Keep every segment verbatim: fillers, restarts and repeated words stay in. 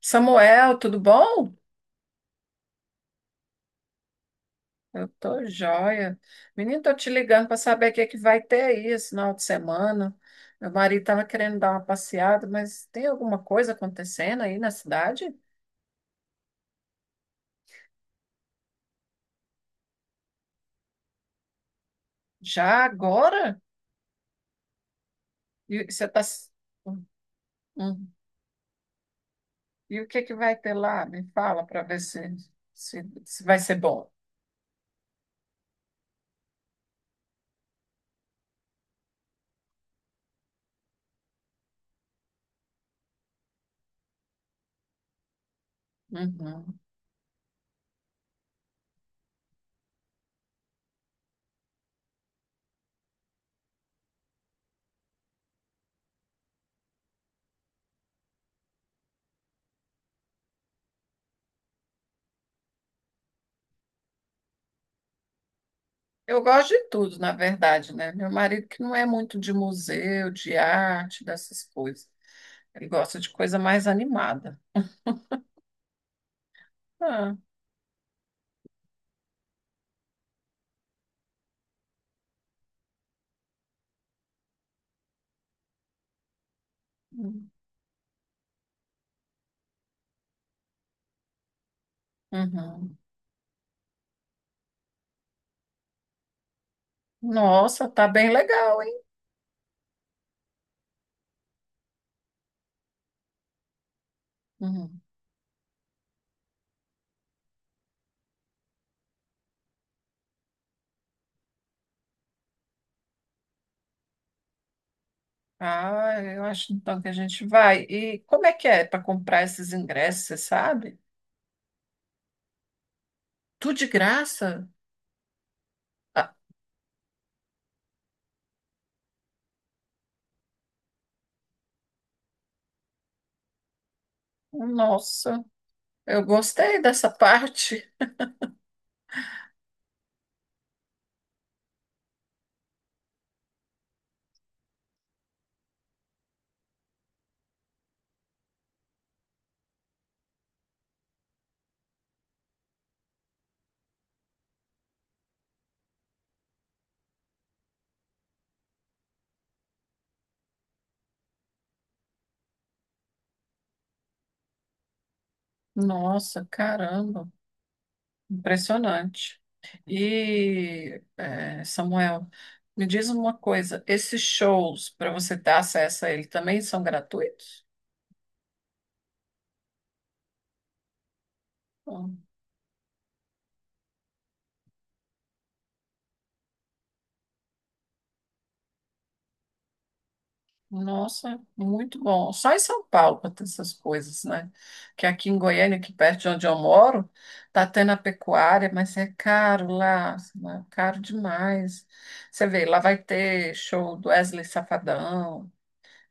Samuel, tudo bom? Eu tô joia. Menino, tô te ligando para saber o que é que vai ter aí esse final de semana. Meu marido tava querendo dar uma passeada, mas tem alguma coisa acontecendo aí na cidade? Já agora? E você tá... Hum, hum. E o que é que vai ter lá? Me fala para ver se, se, se vai ser bom. Uhum. Eu gosto de tudo, na verdade, né? Meu marido que não é muito de museu, de arte, dessas coisas. Ele gosta de coisa mais animada. Ah, uhum. Nossa, tá bem legal, hein? Uhum. Ah, eu acho então que a gente vai. E como é que é para comprar esses ingressos, você sabe? Tudo de graça? Ah, nossa, eu gostei dessa parte. Nossa, caramba, impressionante. E, eh, Samuel, me diz uma coisa: esses shows, para você ter acesso a ele, também são gratuitos? Nossa, muito bom. Só em São Paulo para ter essas coisas, né? Que aqui em Goiânia, aqui perto de onde eu moro, tá tendo a pecuária, mas é caro lá, né? Caro demais. Você vê, lá vai ter show do Wesley Safadão,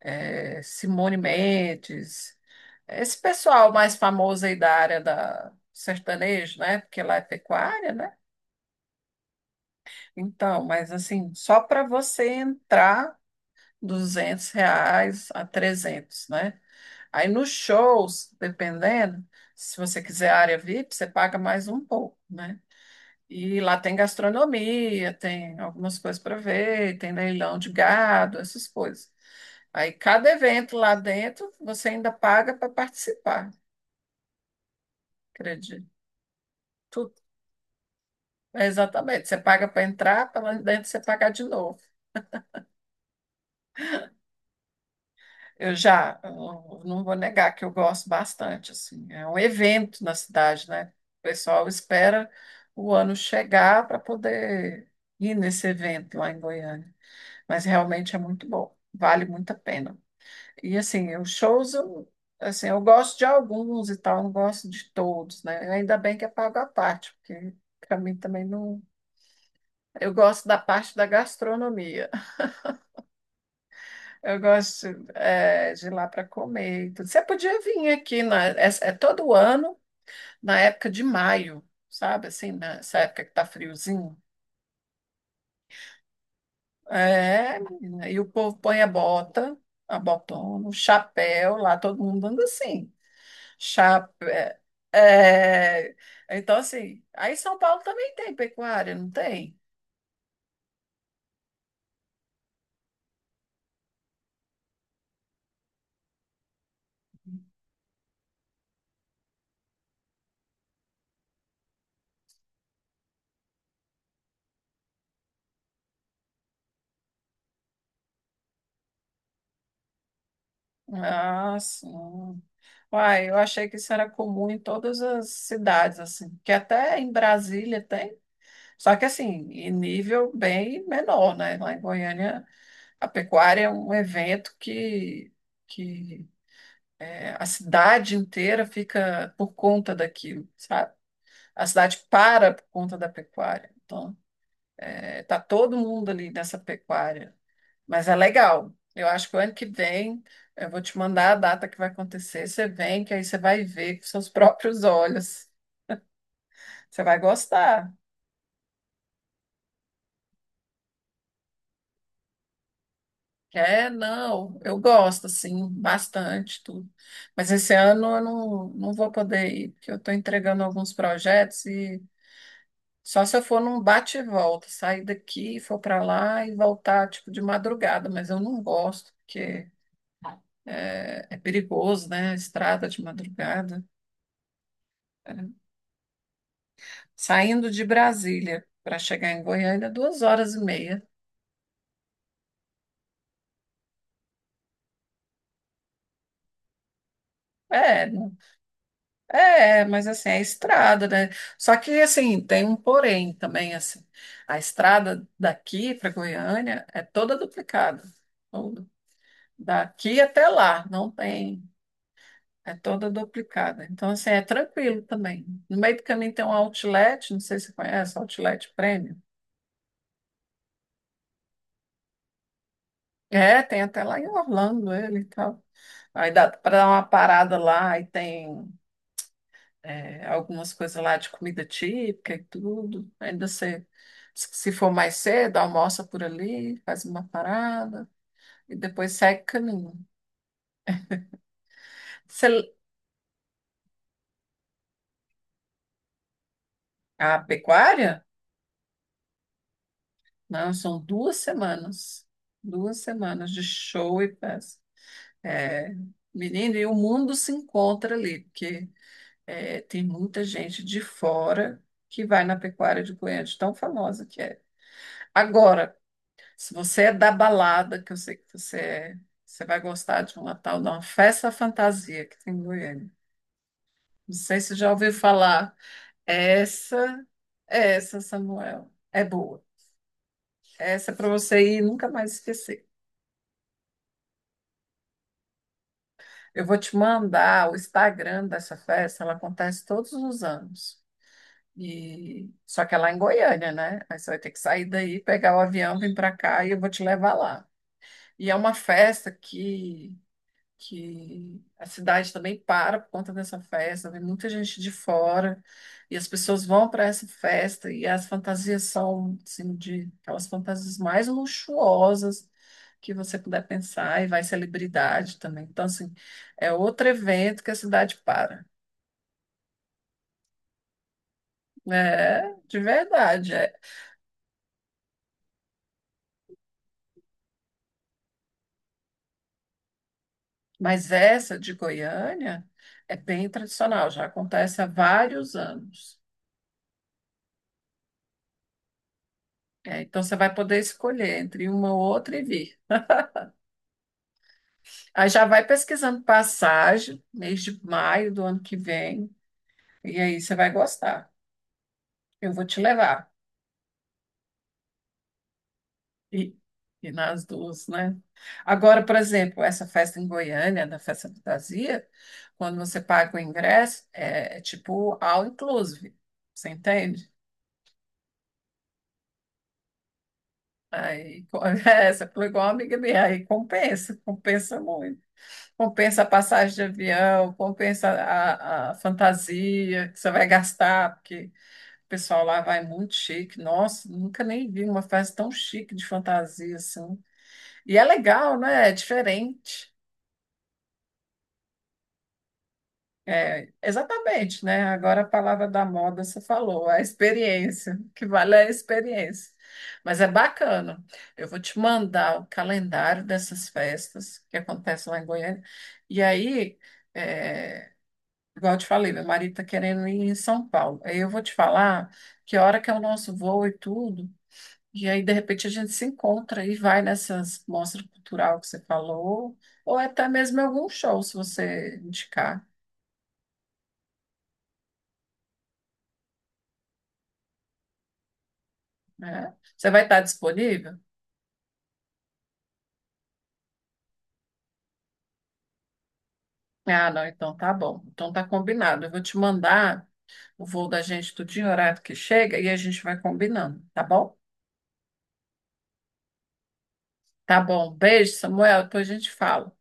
eh, Simone Mendes, esse pessoal mais famoso aí da área da sertanejo, né? Porque lá é pecuária, né? Então, mas assim, só para você entrar, duzentos reais a trezentos, né? Aí nos shows, dependendo, se você quiser área V I P, você paga mais um pouco, né? E lá tem gastronomia, tem algumas coisas para ver, tem leilão de gado, essas coisas. Aí cada evento lá dentro, você ainda paga para participar, acredito. Tudo. É, exatamente. Você paga para entrar, para lá dentro você pagar de novo. Eu já, eu não vou negar que eu gosto bastante, assim, é um evento na cidade, né? O pessoal espera o ano chegar para poder ir nesse evento lá em Goiânia, mas realmente é muito bom, vale muito a pena. E assim, os shows, eu, assim, eu gosto de alguns e tal, não gosto de todos, né? Ainda bem que é pago à parte, porque para mim também não. Eu gosto da parte da gastronomia. Eu gosto é, de ir lá para comer e tudo. Você podia vir aqui, na, é, é todo ano, na época de maio, sabe? Assim, nessa época que tá friozinho. É, menina, e o povo põe a bota, a botona, o chapéu, lá todo mundo anda assim. Chapéu. É, é, então, assim, aí São Paulo também tem pecuária, não tem? Ah, sim. Uai, eu achei que isso era comum em todas as cidades, assim, que até em Brasília tem. Só que assim, em nível bem menor, né? Lá em Goiânia, a pecuária é um evento que, que é, a cidade inteira fica por conta daquilo, sabe? A cidade para por conta da pecuária. Então, é, tá todo mundo ali nessa pecuária. Mas é legal. Eu acho que o ano que vem eu vou te mandar a data que vai acontecer. Você vem, que aí você vai ver com seus próprios olhos. Você vai gostar. É, não, eu gosto, assim, bastante, tudo. Mas esse ano eu não, não vou poder ir, porque eu estou entregando alguns projetos e só se eu for num bate e volta, sair daqui, for para lá e voltar, tipo, de madrugada, mas eu não gosto, porque é, é perigoso, né? Estrada de madrugada. É. Saindo de Brasília para chegar em Goiânia, duas horas e meia. É, É, mas assim, é estrada, né? Só que assim, tem um porém também, assim. A estrada daqui para Goiânia é toda duplicada. Toda. Daqui até lá, não tem. É toda duplicada. Então, assim, é tranquilo também. No meio do caminho tem um outlet, não sei se você conhece, outlet Premium. É, tem até lá em Orlando ele e tal. Aí dá para dar uma parada lá e tem é, algumas coisas lá de comida típica e tudo. Ainda você, se for mais cedo, almoça por ali, faz uma parada e depois segue o caminho. Você- a pecuária? Não, são duas semanas. Duas semanas de show e festa. É, menino, e o mundo se encontra ali, porque é, tem muita gente de fora que vai na pecuária de Goiânia, de tão famosa que é. Agora, se você é da balada, que eu sei que você é, você vai gostar de uma tal de uma festa fantasia que tem em Goiânia. Não sei se já ouviu falar. Essa, essa, Samuel, é boa. Essa é para você ir e nunca mais esquecer. Eu vou te mandar o Instagram dessa festa, ela acontece todos os anos. E só que é lá em Goiânia, né? Aí você vai ter que sair daí, pegar o avião, vir para cá e eu vou te levar lá. E é uma festa que que a cidade também para por conta dessa festa, vem muita gente de fora, e as pessoas vão para essa festa, e as fantasias são, assim, de aquelas fantasias mais luxuosas que você puder pensar, e vai celebridade também. Então, assim, é outro evento que a cidade para. É, de verdade, é. Mas essa de Goiânia é bem tradicional, já acontece há vários anos. É, então, você vai poder escolher entre uma ou outra e vir. Aí já vai pesquisando passagem, mês de maio do ano que vem, e aí você vai gostar. Eu vou te levar. E, e nas duas, né? Agora, por exemplo, essa festa em Goiânia, da Festa Fantasia, quando você paga o ingresso, é, é tipo all inclusive. Você entende? Aí, co- é, você falou igual uma amiga minha, aí compensa, compensa muito. Compensa a passagem de avião, compensa a, a fantasia que você vai gastar, porque. O pessoal lá vai muito chique. Nossa, nunca nem vi uma festa tão chique de fantasia assim. E é legal, né? É diferente. É, exatamente, né? Agora a palavra da moda você falou, a experiência, o que vale é a experiência. Mas é bacana. Eu vou te mandar o calendário dessas festas que acontecem lá em Goiânia. E aí, é, igual eu te falei, meu marido está querendo ir em São Paulo. Aí eu vou te falar que hora que é o nosso voo e tudo. E aí, de repente, a gente se encontra e vai nessas mostras cultural que você falou, ou é até mesmo em algum show, se você indicar, né? Você vai estar disponível? Ah, não, então tá bom. Então tá combinado. Eu vou te mandar o voo da gente do dia e horário que chega e a gente vai combinando, tá bom? Tá bom. Beijo, Samuel. Depois a gente fala.